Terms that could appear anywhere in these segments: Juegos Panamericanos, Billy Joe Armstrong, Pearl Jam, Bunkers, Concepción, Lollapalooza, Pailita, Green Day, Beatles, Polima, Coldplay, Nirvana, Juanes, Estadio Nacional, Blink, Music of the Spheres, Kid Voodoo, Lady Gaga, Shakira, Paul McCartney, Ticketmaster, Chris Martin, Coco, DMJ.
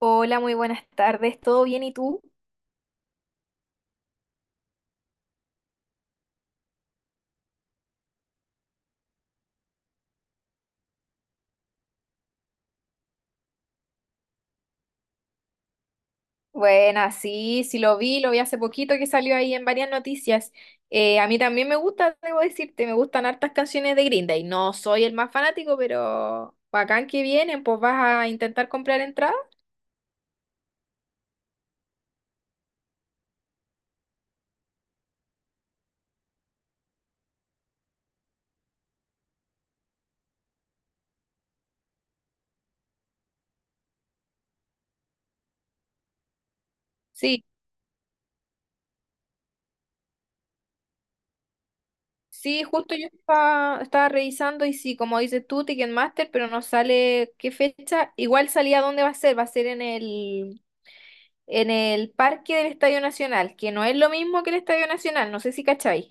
Hola, muy buenas tardes. ¿Todo bien y tú? Buena, sí, sí lo vi hace poquito que salió ahí en varias noticias. A mí también me gusta, debo decirte, me gustan hartas canciones de Green Day. No soy el más fanático, pero bacán que vienen, pues vas a intentar comprar entradas. Sí. Sí, justo yo estaba revisando y sí, como dices tú, Ticketmaster, pero no sale qué fecha. Igual salía dónde va a ser en el parque del Estadio Nacional, que no es lo mismo que el Estadio Nacional, no sé si cacháis.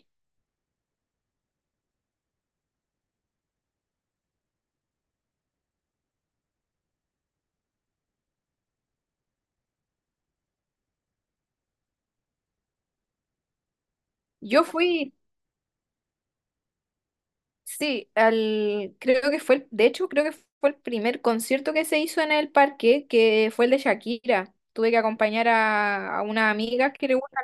Yo fui, sí, al, creo que fue, de hecho, creo que fue el primer concierto que se hizo en el parque, que fue el de Shakira. Tuve que acompañar a una amiga que le gusta.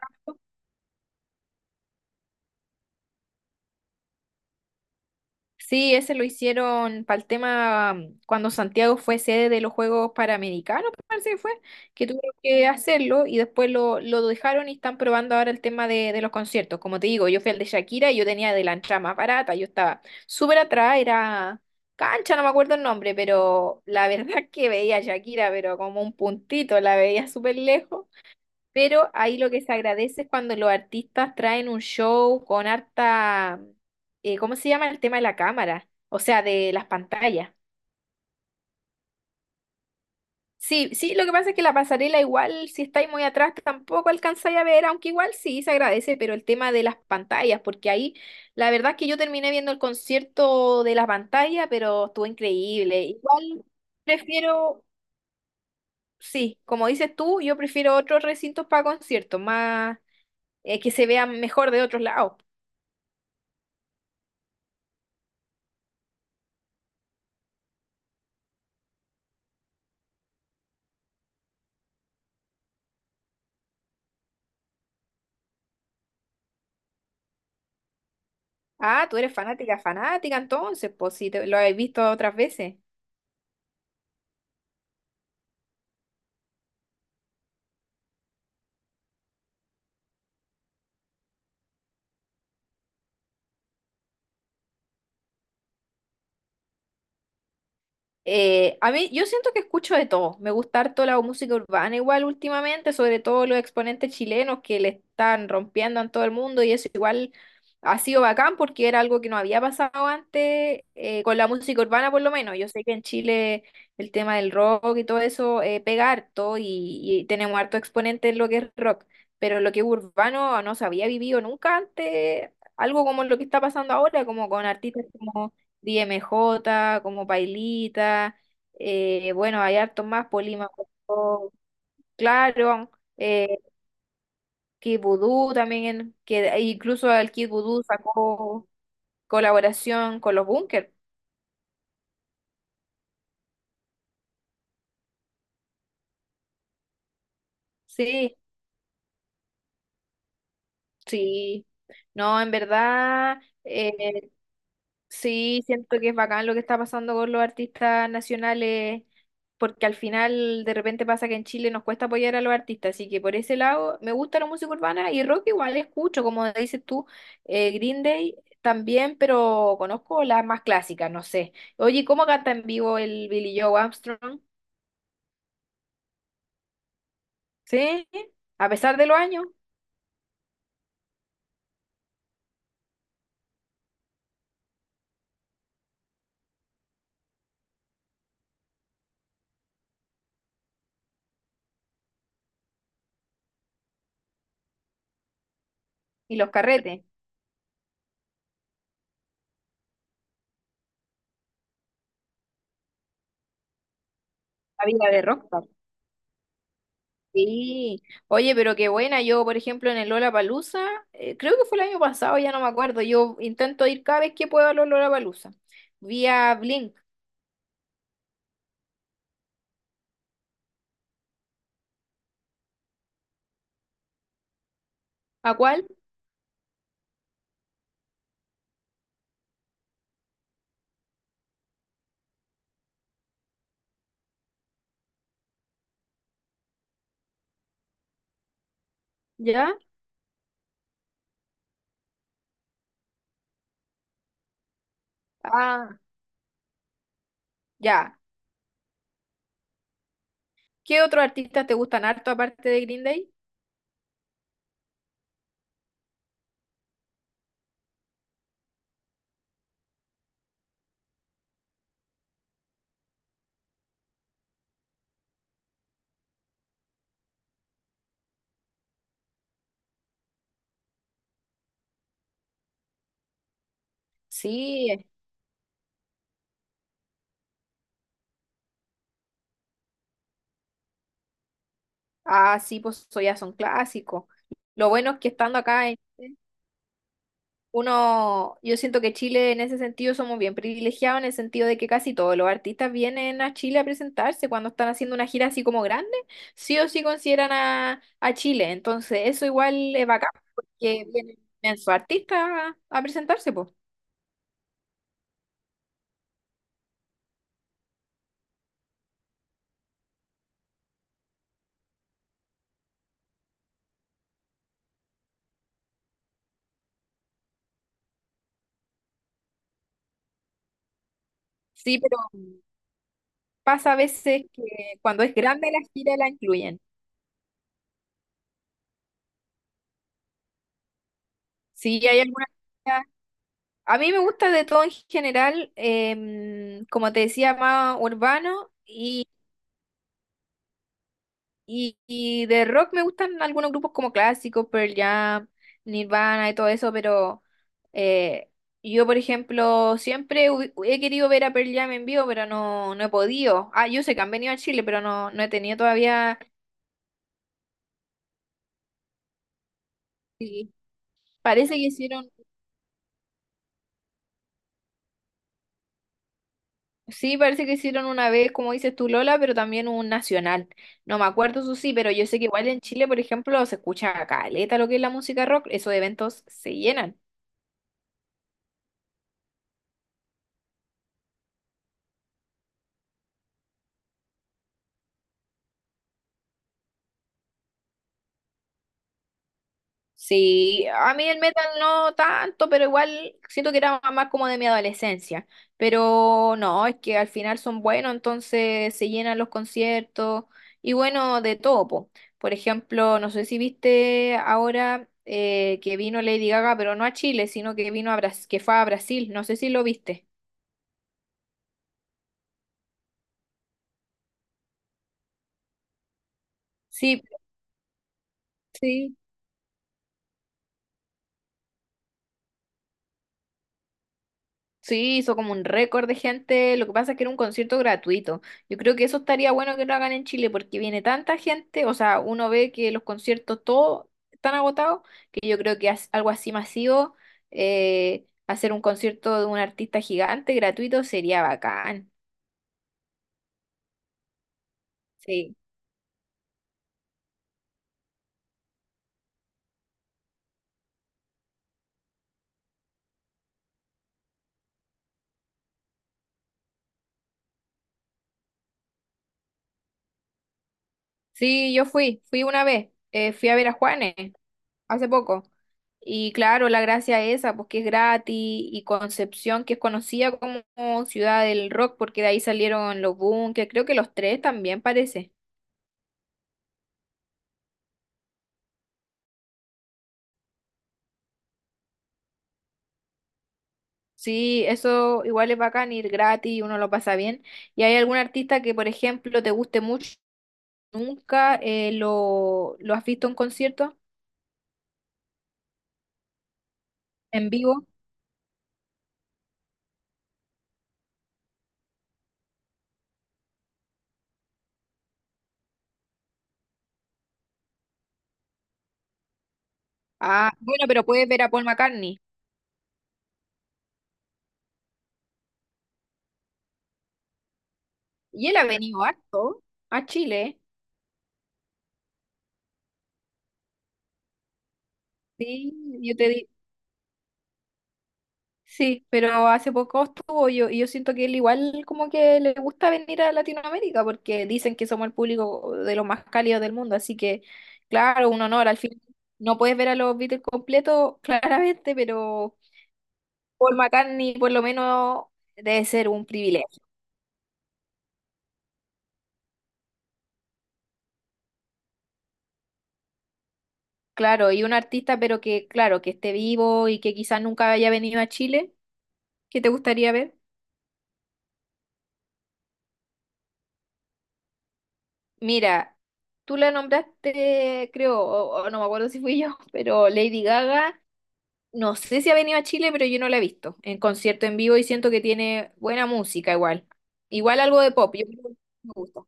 Sí, ese lo hicieron para el tema cuando Santiago fue sede de los Juegos Panamericanos, parece que fue, que tuvieron que hacerlo y después lo dejaron y están probando ahora el tema de los conciertos. Como te digo, yo fui al de Shakira y yo tenía de la entrada más barata, yo estaba súper atrás, era cancha, no me acuerdo el nombre, pero la verdad que veía a Shakira, pero como un puntito, la veía súper lejos. Pero ahí lo que se agradece es cuando los artistas traen un show con harta, ¿cómo se llama el tema de la cámara? O sea, de las pantallas. Sí, sí, lo que pasa es que la pasarela igual, si estáis muy atrás, tampoco alcanzáis a ver, aunque igual sí se agradece, pero el tema de las pantallas, porque ahí la verdad es que yo terminé viendo el concierto de la pantalla, pero estuvo increíble. Igual prefiero, sí, como dices tú, yo prefiero otros recintos para conciertos, más que se vean mejor de otros lados. Ah, tú eres fanática, fanática entonces, pues si te, lo habéis visto otras veces. A mí, yo siento que escucho de todo. Me gusta harto la música urbana igual últimamente, sobre todo los exponentes chilenos que le están rompiendo en todo el mundo y eso igual ha sido bacán porque era algo que no había pasado antes con la música urbana por lo menos. Yo sé que en Chile el tema del rock y todo eso pega harto y tenemos harto exponente en lo que es rock, pero lo que es urbano no se había vivido nunca antes, algo como lo que está pasando ahora, como con artistas como... DMJ, como Pailita, bueno, hay hartos más, Polima, Coco, claro, eh, Kid Voodoo también, que incluso el Kid Voodoo sacó colaboración con los Bunkers, sí, sí, no, en verdad, sí, siento que es bacán lo que está pasando con los artistas nacionales, porque al final de repente pasa que en Chile nos cuesta apoyar a los artistas, así que por ese lado me gusta la música urbana y rock igual escucho, como dices tú, Green Day también, pero conozco las más clásicas, no sé. Oye, ¿cómo canta en vivo el Billy Joe Armstrong? Sí, a pesar de los años y los carretes, la vida de rock. Sí, oye, pero qué buena. Yo, por ejemplo, en el Lollapalooza, creo que fue el año pasado, ya no me acuerdo. Yo intento ir cada vez que puedo al Lollapalooza. Vi a Blink. ¿A cuál? ¿Ya? Ah, ya. ¿Qué otros artistas te gustan harto aparte de Green Day? Sí. Ah, sí, pues eso ya son clásicos. Lo bueno es que estando acá en, uno, yo siento que Chile en ese sentido somos bien privilegiados en el sentido de que casi todos los artistas vienen a Chile a presentarse cuando están haciendo una gira así como grande, sí o sí consideran a Chile. Entonces, eso igual es bacán porque vienen sus artistas a presentarse, pues. Sí, pero pasa a veces que cuando es grande la gira la incluyen. Sí, hay algunas. A mí me gusta de todo en general, como te decía, más urbano. Y de rock me gustan algunos grupos como clásicos, Pearl Jam, Nirvana y todo eso, pero eh, yo, por ejemplo, siempre he querido ver a Pearl Jam en vivo, pero no, no he podido. Ah, yo sé que han venido a Chile, pero no, no he tenido todavía. Sí. Parece que hicieron, sí, parece que hicieron una vez, como dices tú, Lola, pero también un nacional. No me acuerdo eso sí, pero yo sé que igual en Chile, por ejemplo, se escucha caleta lo que es la música rock, esos eventos se llenan. Sí, a mí el metal no tanto, pero igual siento que era más como de mi adolescencia. Pero no, es que al final son buenos, entonces se llenan los conciertos y bueno, de todo, po. Por ejemplo, no sé si viste ahora que vino Lady Gaga, pero no a Chile, sino que vino a que fue a Brasil, no sé si lo viste. Sí, sí. Sí, hizo como un récord de gente. Lo que pasa es que era un concierto gratuito. Yo creo que eso estaría bueno que lo hagan en Chile porque viene tanta gente. O sea, uno ve que los conciertos todos están agotados, que yo creo que algo así masivo, hacer un concierto de un artista gigante gratuito sería bacán. Sí. Sí, yo fui una vez. Fui a ver a Juanes hace poco. Y claro, la gracia es esa, pues que es gratis, y Concepción, que es conocida como ciudad del rock, porque de ahí salieron los Bunkers, creo que los tres también parece. Sí, eso igual es bacán, ir gratis, uno lo pasa bien. ¿Y hay algún artista que, por ejemplo, te guste mucho, nunca lo has visto en concierto, en vivo? Ah, bueno, pero puedes ver a Paul McCartney. Y él ha venido harto a Chile, ¿eh? Sí, yo te digo. Sí, pero hace poco estuvo. Yo siento que él igual como que le gusta venir a Latinoamérica porque dicen que somos el público de los más cálidos del mundo, así que claro, un honor. Al fin no puedes ver a los Beatles completos claramente, pero Paul McCartney por lo menos debe ser un privilegio. Claro, y un artista, pero que claro, que esté vivo y que quizás nunca haya venido a Chile, ¿qué te gustaría ver? Mira, tú la nombraste, creo, o no me acuerdo si fui yo, pero Lady Gaga. No sé si ha venido a Chile, pero yo no la he visto en concierto en vivo y siento que tiene buena música igual. Igual algo de pop, yo creo que me gusta.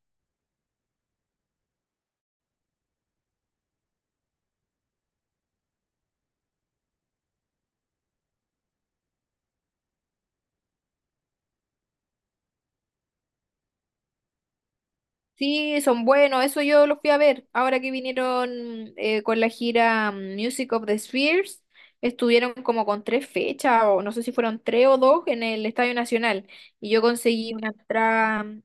Sí, son buenos, eso yo los fui a ver. Ahora que vinieron con la gira Music of the Spheres, estuvieron como con tres fechas, o no sé si fueron tres o dos, en el Estadio Nacional. Y yo conseguí una entrada,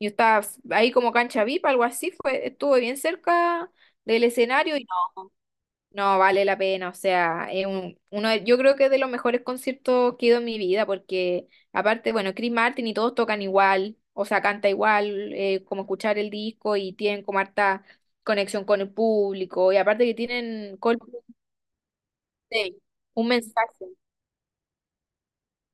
yo estaba ahí como cancha VIP, algo así, fue, estuve bien cerca del escenario. No, vale la pena, o sea, es uno, yo creo que es de los mejores conciertos que he ido en mi vida, porque aparte, bueno, Chris Martin y todos tocan igual, o sea, canta igual, como escuchar el disco y tienen como harta conexión con el público, y aparte que tienen Coldplay, un mensaje,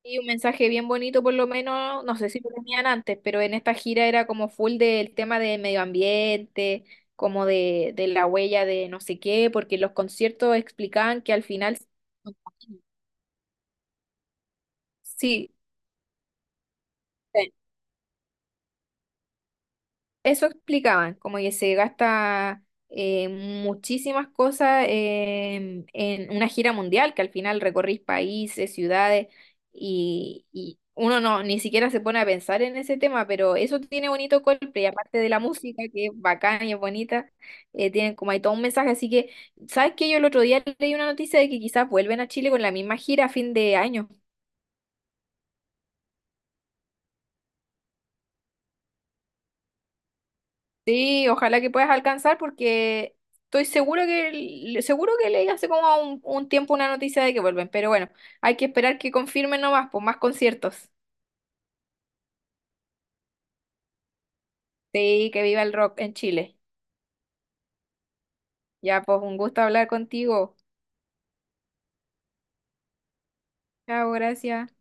y un mensaje bien bonito por lo menos, no sé si lo tenían antes, pero en esta gira era como full del tema de medio ambiente, como de la huella de no sé qué, porque los conciertos explicaban que al final... Sí, eh, eso explicaban, como que se gasta muchísimas cosas en una gira mundial, que al final recorrís países, ciudades, y uno no, ni siquiera se pone a pensar en ese tema, pero eso tiene bonito Coldplay, aparte de la música, que es bacana y es bonita, tienen como ahí todo un mensaje, así que, ¿sabes qué? Yo el otro día leí una noticia de que quizás vuelven a Chile con la misma gira a fin de año. Sí, ojalá que puedas alcanzar porque estoy seguro que seguro que leí hace como un tiempo una noticia de que vuelven, pero bueno, hay que esperar que confirmen nomás, pues más conciertos. Sí, que viva el rock en Chile. Ya, pues un gusto hablar contigo. Chao, gracias.